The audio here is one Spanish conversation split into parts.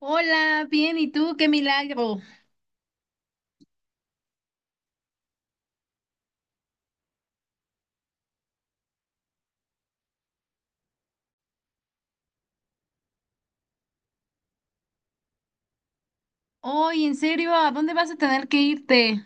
Hola, bien, ¿y tú? ¡Qué milagro! Hoy, en serio, ¿a dónde vas a tener que irte?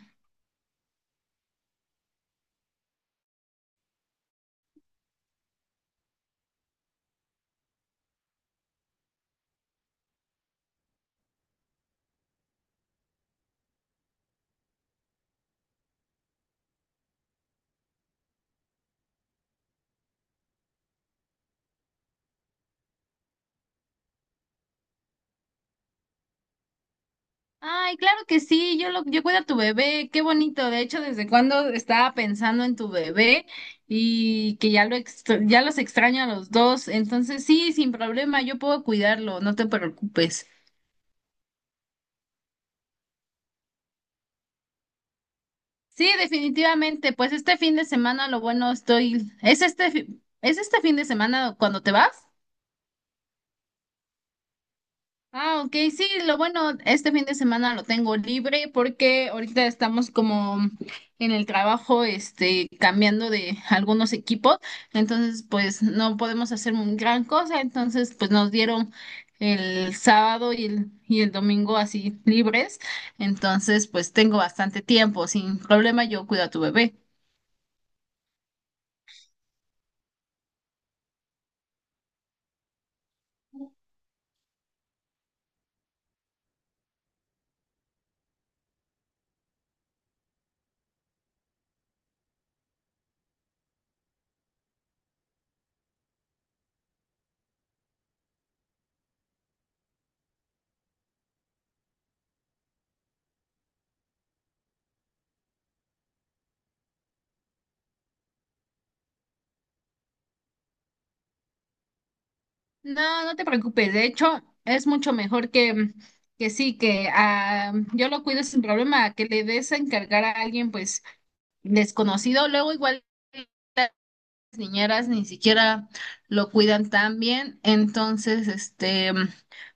Ay, claro que sí, yo cuido a tu bebé, qué bonito. De hecho, desde cuando estaba pensando en tu bebé y que ya los extraño a los dos. Entonces, sí, sin problema, yo puedo cuidarlo, no te preocupes. Sí, definitivamente, pues este fin de semana lo bueno estoy. Es este fin de semana cuando te vas? Ah, ok, sí, lo bueno, este fin de semana lo tengo libre porque ahorita estamos como en el trabajo, este, cambiando de algunos equipos, entonces pues no podemos hacer un gran cosa, entonces pues nos dieron el sábado y el domingo así libres, entonces pues tengo bastante tiempo, sin problema yo cuido a tu bebé. No, no te preocupes. De hecho, es mucho mejor que, que sí, que ah, yo lo cuido sin problema, a que le des a encargar a alguien, pues, desconocido. Luego igual las niñeras ni siquiera lo cuidan tan bien. Entonces, este,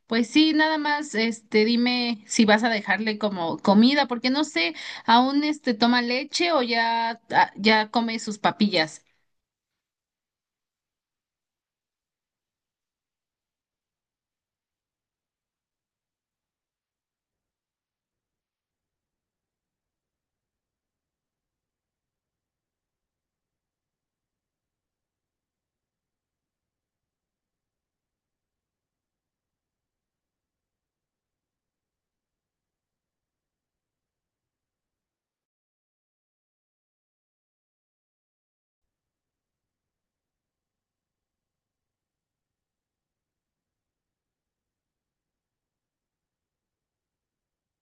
pues sí, nada más, este, dime si vas a dejarle como comida, porque no sé, aún este toma leche o ya, ah, ya come sus papillas.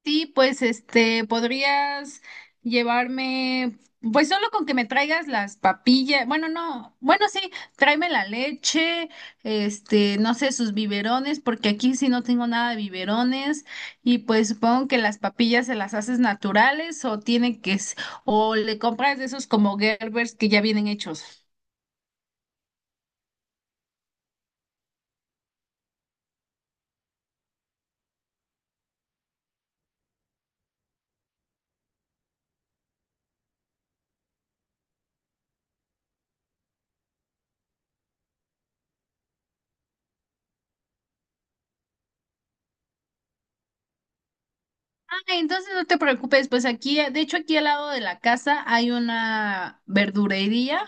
Sí, pues este, podrías llevarme, pues solo con que me traigas las papillas, bueno, no, bueno, sí, tráeme la leche, este, no sé, sus biberones, porque aquí sí no tengo nada de biberones, y pues supongo que las papillas se las haces naturales o o le compras de esos como Gerbers que ya vienen hechos. Ay, entonces no te preocupes, pues aquí, de hecho aquí al lado de la casa hay una verdurería,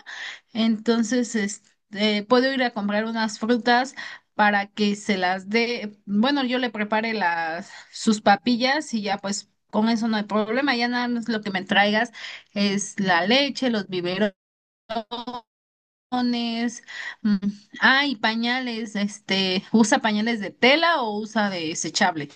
entonces este, puedo ir a comprar unas frutas para que se las dé, bueno, yo le prepare sus papillas y ya pues con eso no hay problema, ya nada más lo que me traigas es la leche, los biberones, mm, y pañales, este, ¿usa pañales de tela o usa de desechable?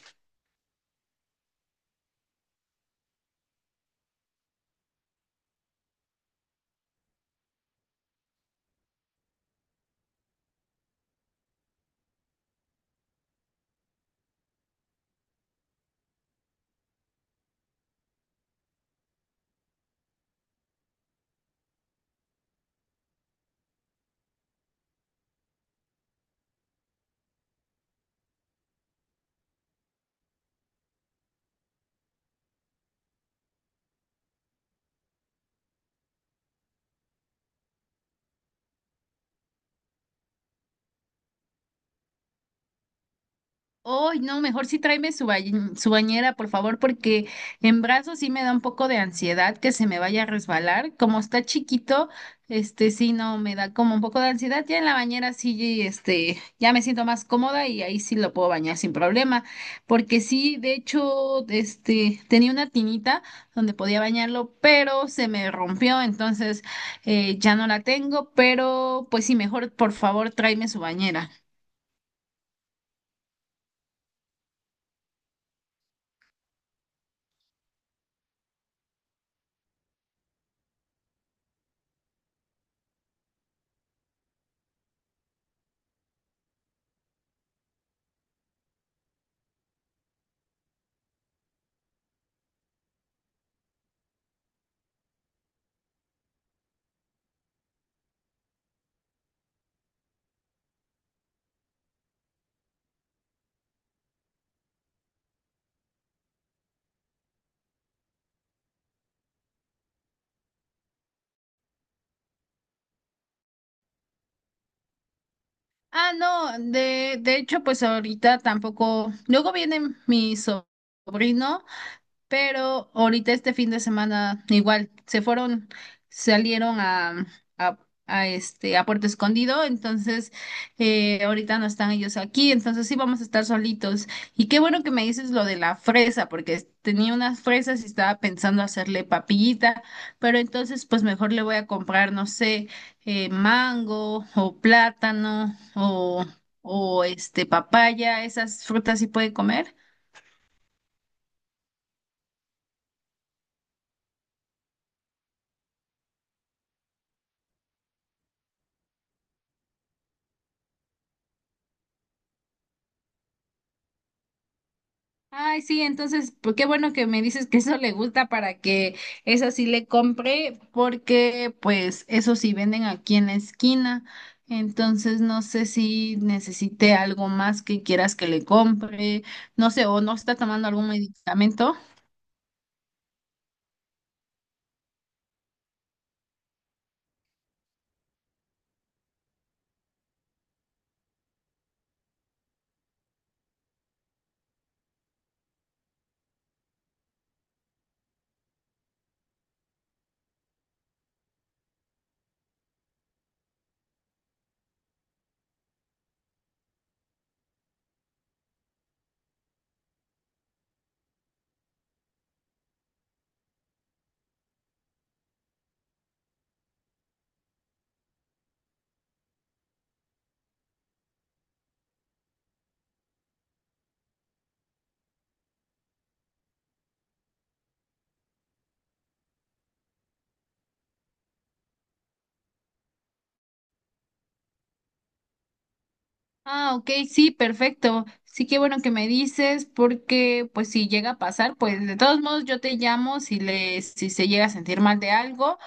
Ay, no, mejor sí tráeme su bañera, por favor, porque en brazos sí me da un poco de ansiedad que se me vaya a resbalar. Como está chiquito, este sí, no, me da como un poco de ansiedad. Ya en la bañera sí, este, ya me siento más cómoda y ahí sí lo puedo bañar sin problema. Porque sí, de hecho, este, tenía una tinita donde podía bañarlo, pero se me rompió, entonces ya no la tengo, pero pues sí, mejor por favor tráeme su bañera. Ah, no, de hecho, pues ahorita tampoco. Luego viene mi sobrino pero ahorita este fin de semana igual se fueron, salieron a, este a Puerto Escondido, entonces ahorita no están ellos aquí, entonces sí vamos a estar solitos. Y qué bueno que me dices lo de la fresa, porque tenía unas fresas y estaba pensando hacerle papillita, pero entonces pues mejor le voy a comprar, no sé, mango o plátano, o este papaya, esas frutas sí puede comer. Ay, sí, entonces, pues qué bueno que me dices que eso le gusta para que eso sí le compre, porque pues eso sí venden aquí en la esquina. Entonces, no sé si necesite algo más que quieras que le compre, no sé, o no está tomando algún medicamento. Ah, ok, sí, perfecto. Sí, qué bueno que me dices, porque pues si llega a pasar, pues de todos modos yo te llamo si se llega a sentir mal de algo,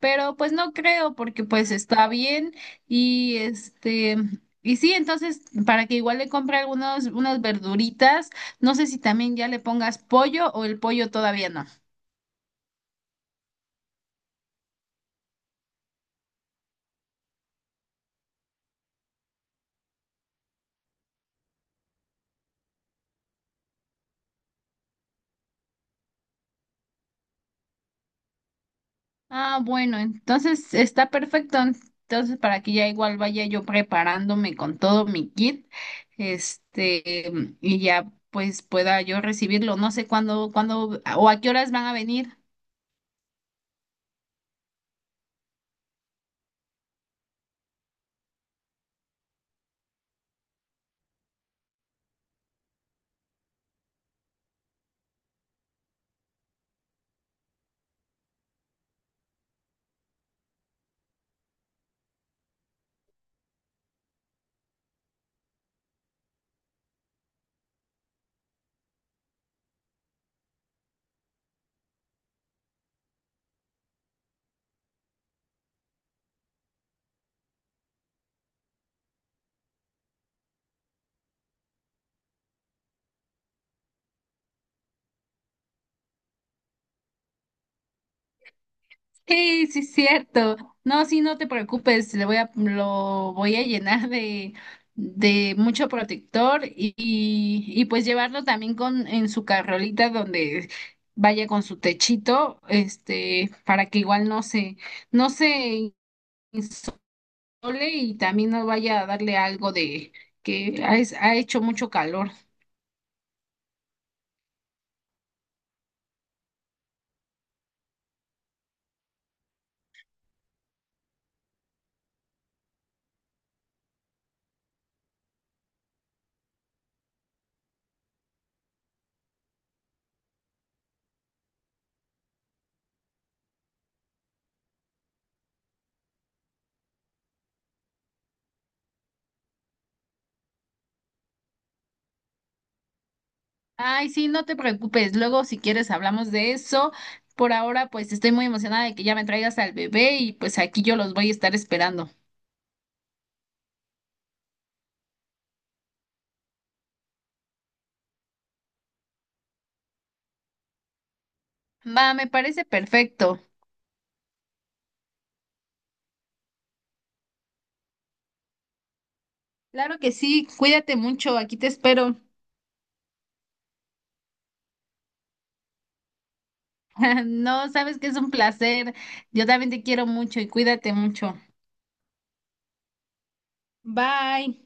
pero pues no creo, porque pues está bien y este, y sí, entonces para que igual le compre algunos, unas verduritas, no sé si también ya le pongas pollo o el pollo todavía no. Ah, bueno, entonces está perfecto. Entonces, para que ya igual vaya yo preparándome con todo mi kit, este, y ya pues pueda yo recibirlo. No sé cuándo o a qué horas van a venir. Sí, sí, cierto. No, sí, no te preocupes, lo voy a llenar de mucho protector y pues llevarlo también en su carrolita donde vaya con su techito, este, para que igual no se insole y también no vaya a darle algo de ha hecho mucho calor. Ay, sí, no te preocupes. Luego, si quieres, hablamos de eso. Por ahora, pues estoy muy emocionada de que ya me traigas al bebé y pues aquí yo los voy a estar esperando. Va, me parece perfecto. Claro que sí, cuídate mucho, aquí te espero. No, sabes que es un placer. Yo también te quiero mucho y cuídate mucho. Bye.